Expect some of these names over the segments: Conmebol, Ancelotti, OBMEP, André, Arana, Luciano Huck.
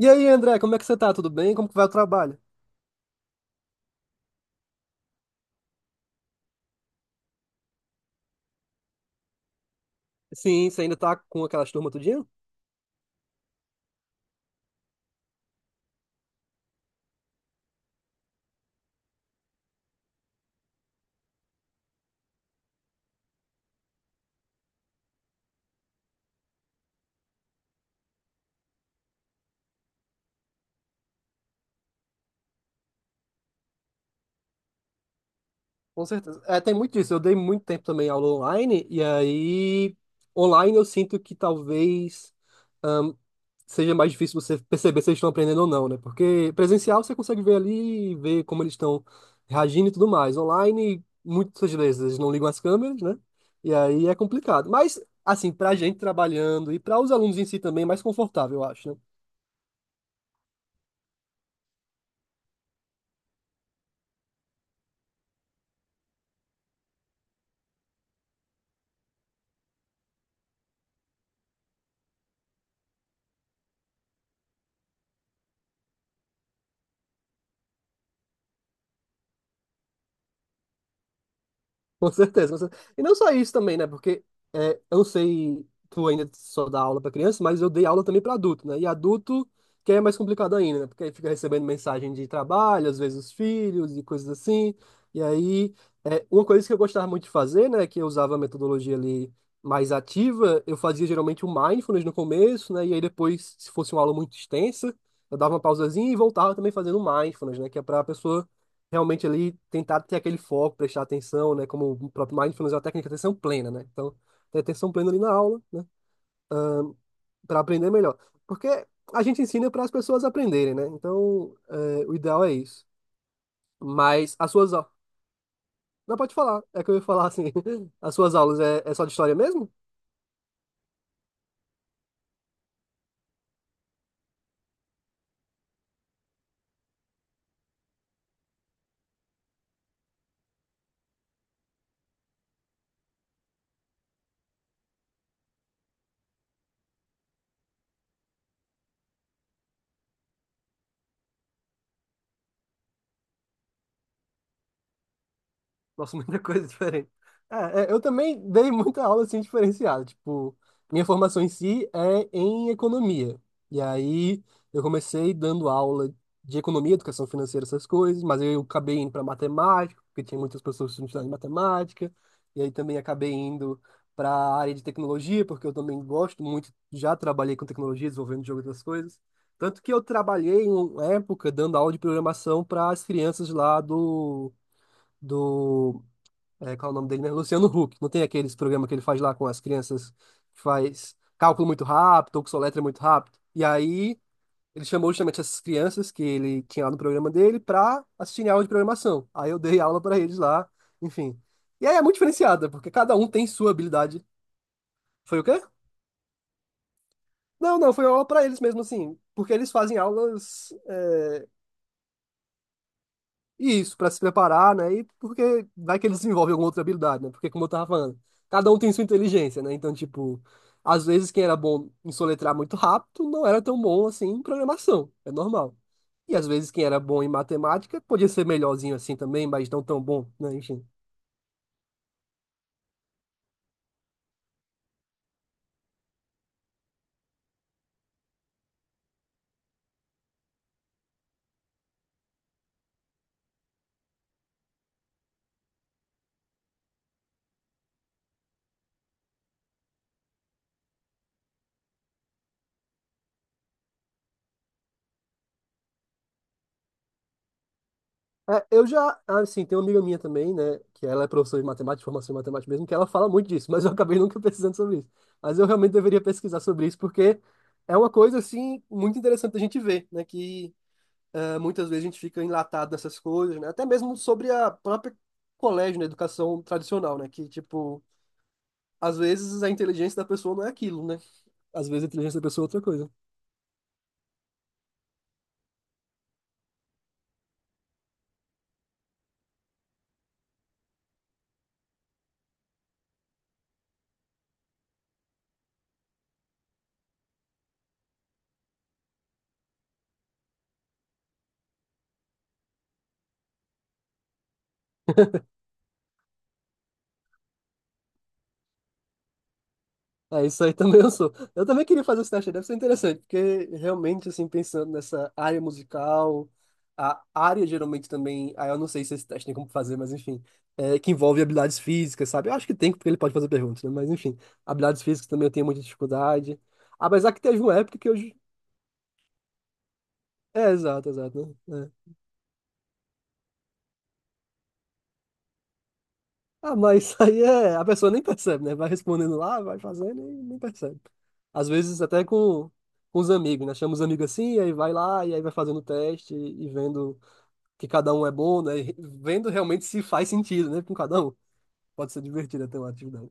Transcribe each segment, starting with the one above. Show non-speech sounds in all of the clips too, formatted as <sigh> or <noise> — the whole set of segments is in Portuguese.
E aí, André, como é que você tá? Tudo bem? Como que vai o trabalho? Sim, você ainda tá com aquelas turmas tudinho? Com certeza. É, tem muito disso. Eu dei muito tempo também aula online, e aí, online eu sinto que talvez ahn, seja mais difícil você perceber se eles estão aprendendo ou não, né? Porque presencial você consegue ver ali, ver como eles estão reagindo e tudo mais. Online, muitas vezes eles não ligam as câmeras, né? E aí é complicado. Mas, assim, pra gente trabalhando e para os alunos em si também, é mais confortável, eu acho, né? Com certeza, com certeza. E não só isso também, né? Porque é, eu não sei, tu ainda só dá aula para criança, mas eu dei aula também para adulto, né? E adulto que é mais complicado ainda, né? Porque aí fica recebendo mensagem de trabalho, às vezes os filhos e coisas assim. E aí, é, uma coisa que eu gostava muito de fazer, né? Que eu usava a metodologia ali mais ativa, eu fazia geralmente o mindfulness no começo, né? E aí depois, se fosse uma aula muito extensa, eu dava uma pausazinha e voltava também fazendo mindfulness, né? Que é para a pessoa realmente ali tentar ter aquele foco, prestar atenção, né? Como o próprio Mindfulness é uma técnica de atenção plena, né? Então, ter atenção plena ali na aula, né? Para aprender melhor. Porque a gente ensina para as pessoas aprenderem, né? Então, é, o ideal é isso. Mas as suas aulas. Não, pode falar. É que eu ia falar assim. <laughs> As suas aulas é, é só de história mesmo? Nossa, muita coisa <laughs> diferente. É, é, eu também dei muita aula assim diferenciada. Tipo, minha formação em si é em economia. E aí eu comecei dando aula de economia, educação financeira, essas coisas, mas eu acabei indo para matemática, porque tinha muitas pessoas que estudavam em matemática. E aí também acabei indo para a área de tecnologia, porque eu também gosto muito, já trabalhei com tecnologia, desenvolvendo jogo e outras coisas. Tanto que eu trabalhei em uma época dando aula de programação para as crianças lá do é, qual é o nome dele mesmo? Luciano Huck. Não tem aqueles programas que ele faz lá com as crianças que faz cálculo muito rápido ou que soletra muito rápido. E aí ele chamou justamente essas crianças que ele tinha lá no programa dele para assistirem aula de programação. Aí eu dei aula para eles lá, enfim. E aí é muito diferenciada, porque cada um tem sua habilidade. Foi o quê? Não, não, foi aula para eles mesmo assim, porque eles fazem aulas é, isso, para se preparar, né? E porque vai que eles desenvolvem alguma outra habilidade, né? Porque, como eu tava falando, cada um tem sua inteligência, né? Então, tipo, às vezes quem era bom em soletrar muito rápido não era tão bom assim em programação, é normal. E às vezes quem era bom em matemática podia ser melhorzinho assim também, mas não tão bom, né? Enfim. É, eu já, ah, assim, tem uma amiga minha também, né? Que ela é professora de matemática, de formação em matemática mesmo, que ela fala muito disso, mas eu acabei nunca pesquisando sobre isso. Mas eu realmente deveria pesquisar sobre isso, porque é uma coisa, assim, muito interessante a gente ver, né? Que é, muitas vezes a gente fica enlatado nessas coisas, né? Até mesmo sobre a própria colégio, né? Educação tradicional, né? Que, tipo, às vezes a inteligência da pessoa não é aquilo, né? Às vezes a inteligência da pessoa é outra coisa. É, isso aí <laughs> também eu sou. Eu também queria fazer esse teste, deve ser interessante, porque realmente, assim, pensando nessa área musical, a área geralmente também, ah, eu não sei se esse teste tem como fazer, mas enfim, é, que envolve habilidades físicas, sabe? Eu acho que tem, porque ele pode fazer perguntas, né? Mas enfim, habilidades físicas também eu tenho muita dificuldade. Apesar que teve uma época que eu é, exato, exato. Né? É. Ah, mas <laughs> isso aí é. A pessoa nem percebe, né? Vai respondendo lá, vai fazendo e nem percebe. Às vezes até com os amigos, né? Chama os amigos assim, e aí vai lá, e aí vai fazendo o teste e vendo que cada um é bom, né? E vendo realmente se faz sentido, né? Com cada um. Pode ser divertido até uma atividade.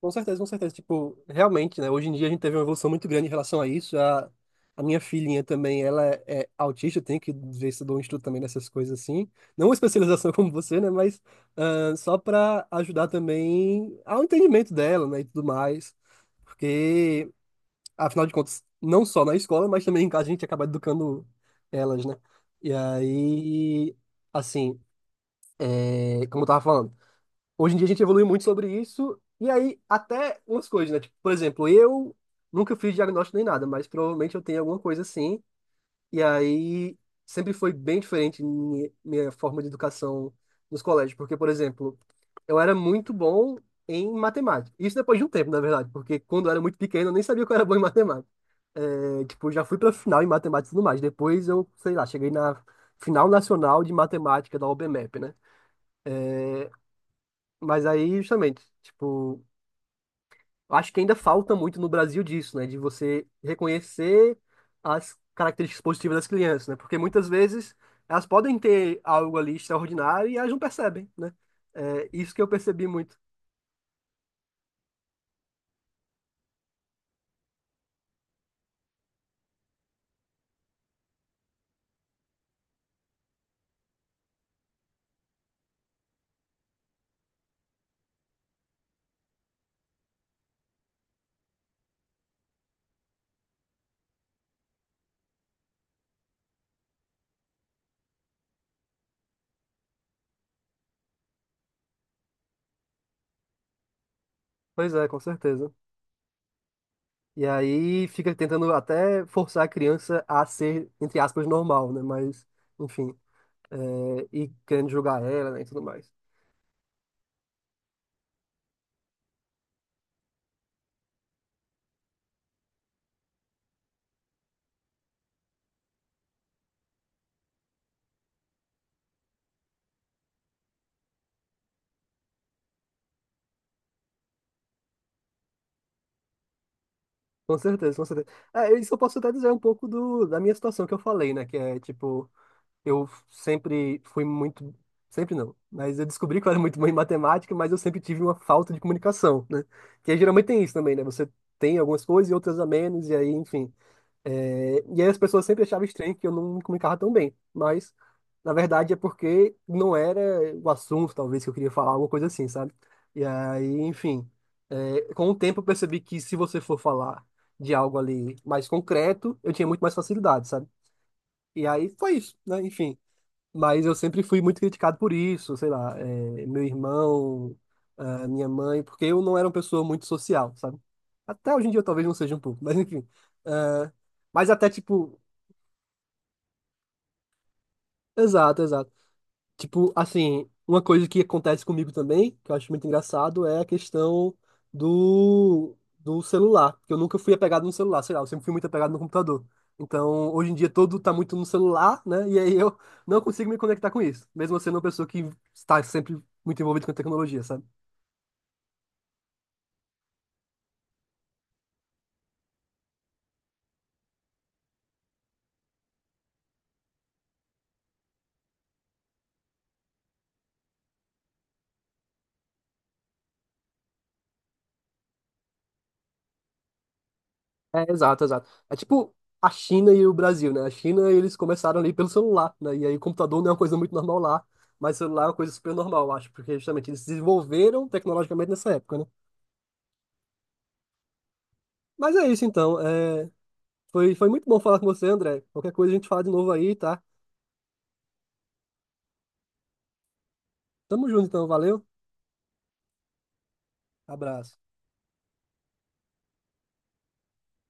Com certeza, com certeza. Tipo, realmente, né? Hoje em dia a gente teve uma evolução muito grande em relação a isso. A minha filhinha também, ela é autista, eu tenho que ver se eu dou um estudo também nessas coisas assim. Não uma especialização <laughs> como você, né? Mas ah, só para ajudar também ao entendimento dela, né? E tudo mais. Porque, afinal de contas, não só na escola, mas também em casa a gente acaba educando elas, né? E aí, assim, é, como eu tava falando. Hoje em dia a gente evolui muito sobre isso, e aí até umas coisas, né? Tipo, por exemplo, eu nunca fiz diagnóstico nem nada, mas provavelmente eu tenho alguma coisa assim, e aí sempre foi bem diferente minha forma de educação nos colégios, porque, por exemplo, eu era muito bom em matemática. Isso depois de um tempo, na verdade, porque quando eu era muito pequeno eu nem sabia que eu era bom em matemática. É, tipo, já fui pra final em matemática e tudo mais. Depois eu, sei lá, cheguei na final nacional de matemática da OBMEP, né? Mas aí, justamente, tipo. Acho que ainda falta muito no Brasil disso, né? De você reconhecer as características positivas das crianças, né? Porque muitas vezes elas podem ter algo ali extraordinário e elas não percebem, né? É isso que eu percebi muito. Pois é, com certeza. E aí fica tentando até forçar a criança a ser, entre aspas, normal, né? Mas, enfim, é, e querendo julgar ela, né, e tudo mais. Com certeza, com certeza. É, isso eu posso até dizer um pouco do, da minha situação que eu falei, né? Que é, tipo, eu sempre fui muito. Sempre não. Mas eu descobri que eu era muito bom em matemática, mas eu sempre tive uma falta de comunicação, né? Que geralmente tem isso também, né? Você tem algumas coisas e outras a menos, e aí, enfim. É, e aí as pessoas sempre achavam estranho que eu não me comunicava tão bem. Mas, na verdade, é porque não era o assunto, talvez, que eu queria falar, alguma coisa assim, sabe? E aí, enfim. É, com o tempo eu percebi que se você for falar de algo ali mais concreto, eu tinha muito mais facilidade, sabe? E aí foi isso, né? Enfim. Mas eu sempre fui muito criticado por isso, sei lá, meu irmão, ah, minha mãe, porque eu não era uma pessoa muito social, sabe? Até hoje em dia eu talvez não seja um pouco, <laughs> mas enfim. Ah, mas até tipo, exato, exato. Tipo, assim, uma coisa que acontece comigo também, que eu acho muito engraçado, é a questão do, do celular. Que eu nunca fui apegado no celular, sei lá, eu sempre fui muito apegado no computador. Então, hoje em dia, todo tá muito no celular, né? E aí eu não consigo me conectar com isso. Mesmo eu sendo uma pessoa que está sempre muito envolvida com a tecnologia, sabe? É, exato, exato. É tipo a China e o Brasil, né? A China, eles começaram ali pelo celular, né? E aí o computador não é uma coisa muito normal lá, mas o celular é uma coisa super normal, eu acho, porque justamente eles se desenvolveram tecnologicamente nessa época, né? Mas é isso então. É, foi, foi muito bom falar com você, André. Qualquer coisa a gente fala de novo aí, tá? Tamo junto então, valeu. Abraço.